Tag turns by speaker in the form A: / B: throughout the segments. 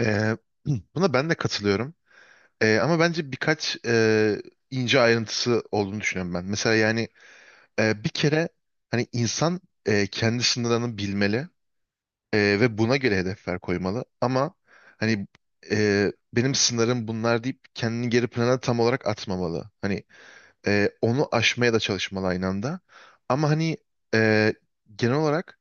A: Ee, buna ben de katılıyorum. Ama bence birkaç ince ayrıntısı olduğunu düşünüyorum ben. Mesela yani bir kere hani insan kendi sınırlarını bilmeli ve buna göre hedefler koymalı. Ama hani benim sınırım bunlar deyip kendini geri plana tam olarak atmamalı. Hani onu aşmaya da çalışmalı aynı anda. Ama hani e, genel olarak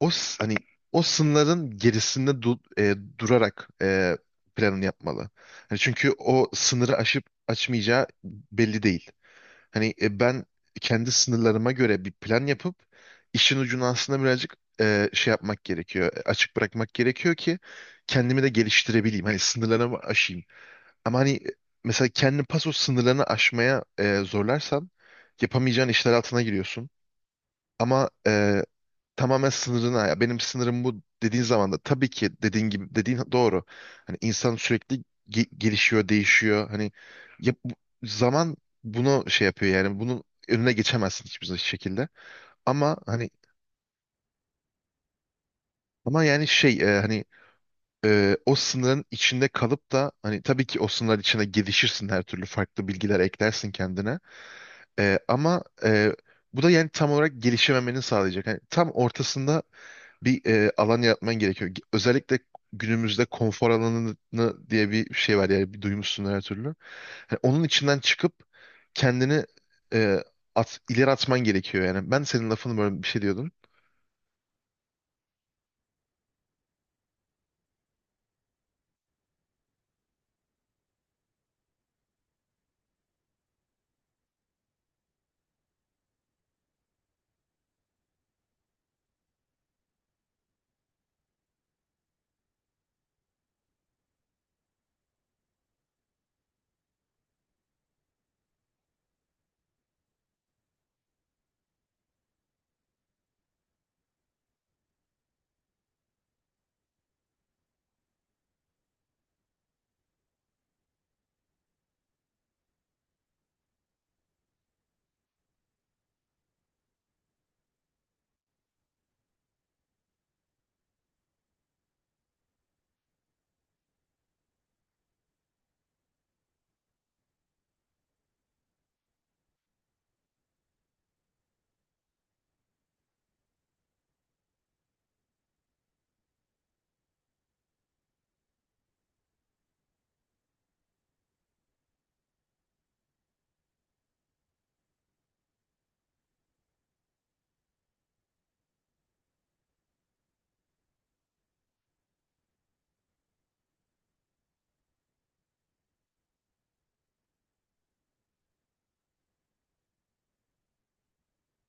A: hani o sınırların gerisinde durarak planını yapmalı. Hani çünkü o sınırı aşıp açmayacağı belli değil. Hani ben kendi sınırlarıma göre bir plan yapıp işin ucunu aslında birazcık şey yapmak gerekiyor. Açık bırakmak gerekiyor ki kendimi de geliştirebileyim. Hani sınırlarımı aşayım. Ama hani mesela kendi paso sınırlarını aşmaya zorlarsan yapamayacağın işler altına giriyorsun. Ama tamamen sınırına ya benim sınırım bu dediğin zaman da tabii ki dediğin gibi dediğin doğru. Hani insan sürekli gelişiyor, değişiyor. Hani ya bu- zaman bunu şey yapıyor yani bunun önüne geçemezsin hiçbir şekilde. Ama hani ama yani hani o sınırın içinde kalıp da hani tabii ki o sınırlar içine gelişirsin her türlü farklı bilgiler eklersin kendine. Ama bu da yani tam olarak gelişememenin sağlayacak. Hani tam ortasında bir alan yaratman gerekiyor. Özellikle günümüzde konfor alanı diye bir şey var yani bir duymuşsun her türlü. Hani onun içinden çıkıp kendini e, ileri atman gerekiyor yani. Ben senin lafını böyle bir şey diyordum.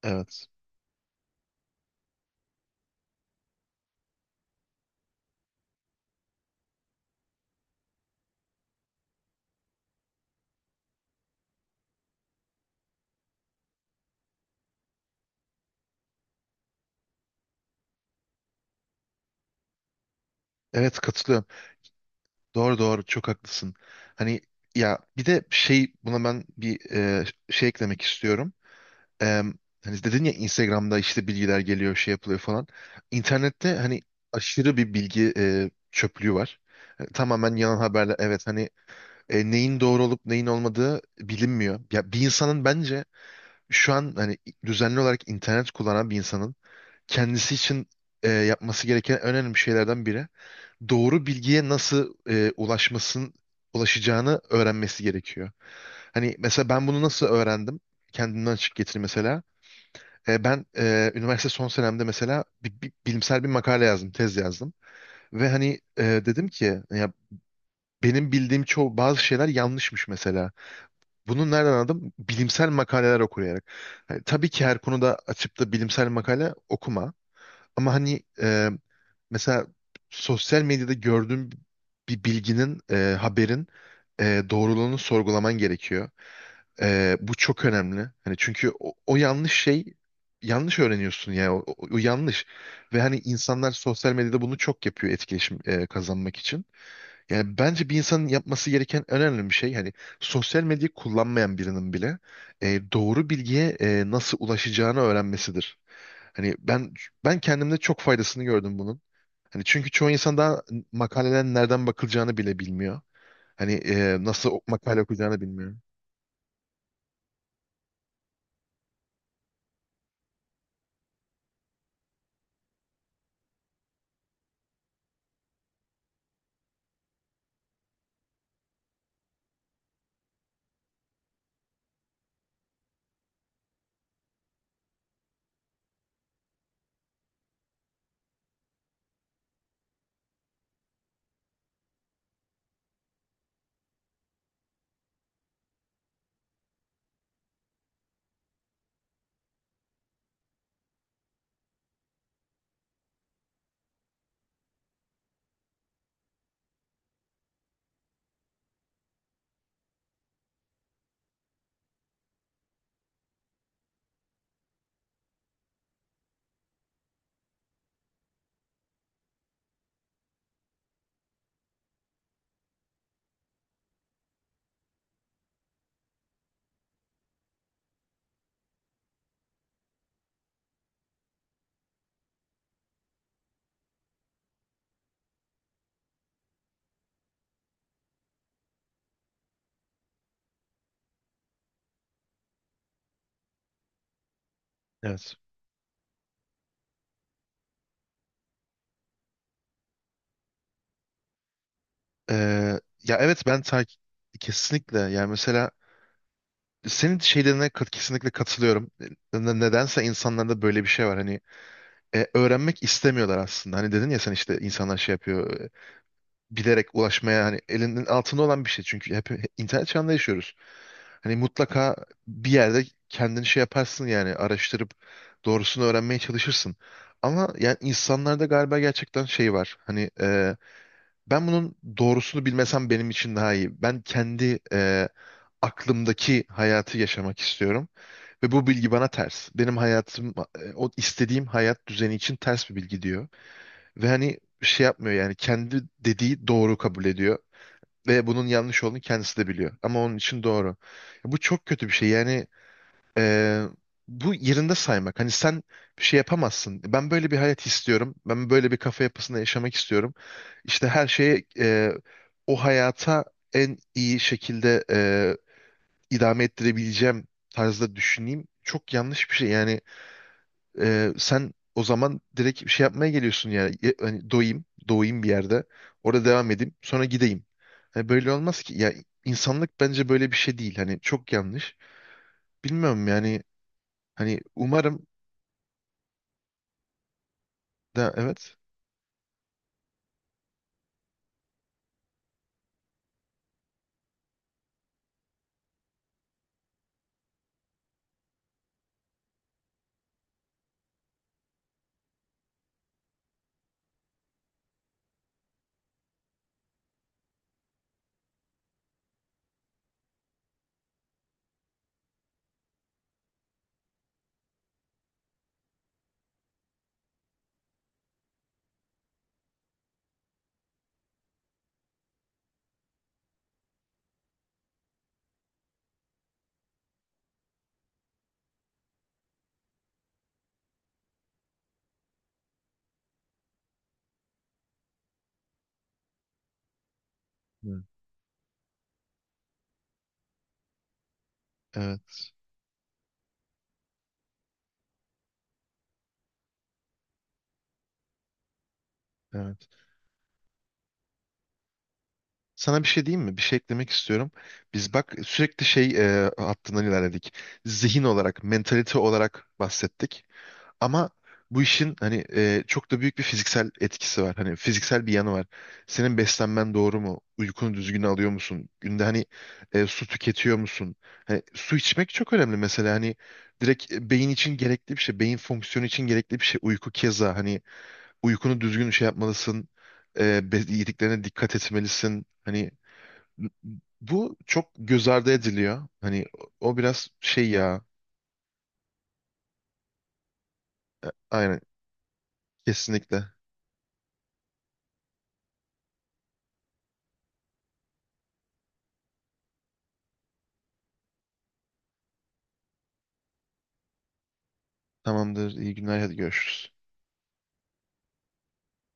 A: Evet. Evet, katılıyorum. Doğru, doğru, çok haklısın. Hani ya bir de şey buna ben bir şey eklemek istiyorum. e, Hani dedin ya Instagram'da işte bilgiler geliyor şey yapılıyor falan. İnternette hani aşırı bir bilgi çöplüğü var. Tamamen yalan haberler. Evet, hani neyin doğru olup neyin olmadığı bilinmiyor. Ya bir insanın bence şu an hani düzenli olarak internet kullanan bir insanın kendisi için yapması gereken en önemli şeylerden biri doğru bilgiye nasıl e, ulaşmasın ulaşacağını öğrenmesi gerekiyor. Hani mesela ben bunu nasıl öğrendim? Kendimden açık getir mesela. Ben üniversite son senemde mesela bilimsel bir makale yazdım, tez yazdım. Ve hani dedim ki ya benim bildiğim çoğu bazı şeyler yanlışmış mesela. Bunu nereden anladım? Bilimsel makaleler okuyarak. Hani tabii ki her konuda açıp da bilimsel makale okuma. Ama hani mesela sosyal medyada gördüğüm bir bilginin, haberin doğruluğunu sorgulaman gerekiyor. Bu çok önemli. Hani çünkü o yanlış şey yanlış öğreniyorsun ya. O yanlış. Ve hani insanlar sosyal medyada bunu çok yapıyor etkileşim kazanmak için. Yani bence bir insanın yapması gereken en önemli bir şey hani sosyal medyayı kullanmayan birinin bile doğru bilgiye nasıl ulaşacağını öğrenmesidir. Hani ben kendimde çok faydasını gördüm bunun. Hani çünkü çoğu insan daha makalelerin nereden bakılacağını bile bilmiyor. Hani nasıl makale okuyacağını bilmiyor. Evet. Ee, Ya evet, kesinlikle yani mesela senin şeylerine kesinlikle katılıyorum. Nedense insanlarda böyle bir şey var hani öğrenmek istemiyorlar aslında. Hani dedin ya sen işte insanlar şey yapıyor bilerek ulaşmaya hani elinin altında olan bir şey çünkü hep internet çağında yaşıyoruz. Hani mutlaka bir yerde kendini şey yaparsın yani araştırıp doğrusunu öğrenmeye çalışırsın. Ama yani insanlarda galiba gerçekten şey var. Hani ben bunun doğrusunu bilmesem benim için daha iyi. Ben kendi aklımdaki hayatı yaşamak istiyorum ve bu bilgi bana ters. Benim hayatım o istediğim hayat düzeni için ters bir bilgi diyor. Ve hani şey yapmıyor yani kendi dediği doğru kabul ediyor ve bunun yanlış olduğunu kendisi de biliyor ama onun için doğru. Bu çok kötü bir şey yani e, bu yerinde saymak. Hani sen bir şey yapamazsın. Ben böyle bir hayat istiyorum. Ben böyle bir kafa yapısında yaşamak istiyorum. İşte her şeye o hayata en iyi şekilde idame ettirebileceğim tarzda düşüneyim. Çok yanlış bir şey. Yani sen o zaman direkt bir şey yapmaya geliyorsun yani. Hani doyayım, doğayım bir yerde. Orada devam edeyim, sonra gideyim. Hani böyle olmaz ki. Ya insanlık bence böyle bir şey değil. Hani çok yanlış. Bilmiyorum yani. Hani umarım da evet. Hı. Evet. Evet. Sana bir şey diyeyim mi? Bir şey eklemek istiyorum. Biz bak sürekli şey hattından ilerledik. Zihin olarak, mentalite olarak bahsettik. Ama bu işin hani çok da büyük bir fiziksel etkisi var. Hani fiziksel bir yanı var. Senin beslenmen doğru mu? Uykunu düzgün alıyor musun? Günde hani su tüketiyor musun? Hani su içmek çok önemli mesela. Hani direkt beyin için gerekli bir şey. Beyin fonksiyonu için gerekli bir şey. Uyku keza hani uykunu düzgün şey yapmalısın. Yediklerine dikkat etmelisin. Hani bu çok göz ardı ediliyor. Hani o biraz şey ya. Aynen. Kesinlikle. Tamamdır. İyi günler. Hadi görüşürüz.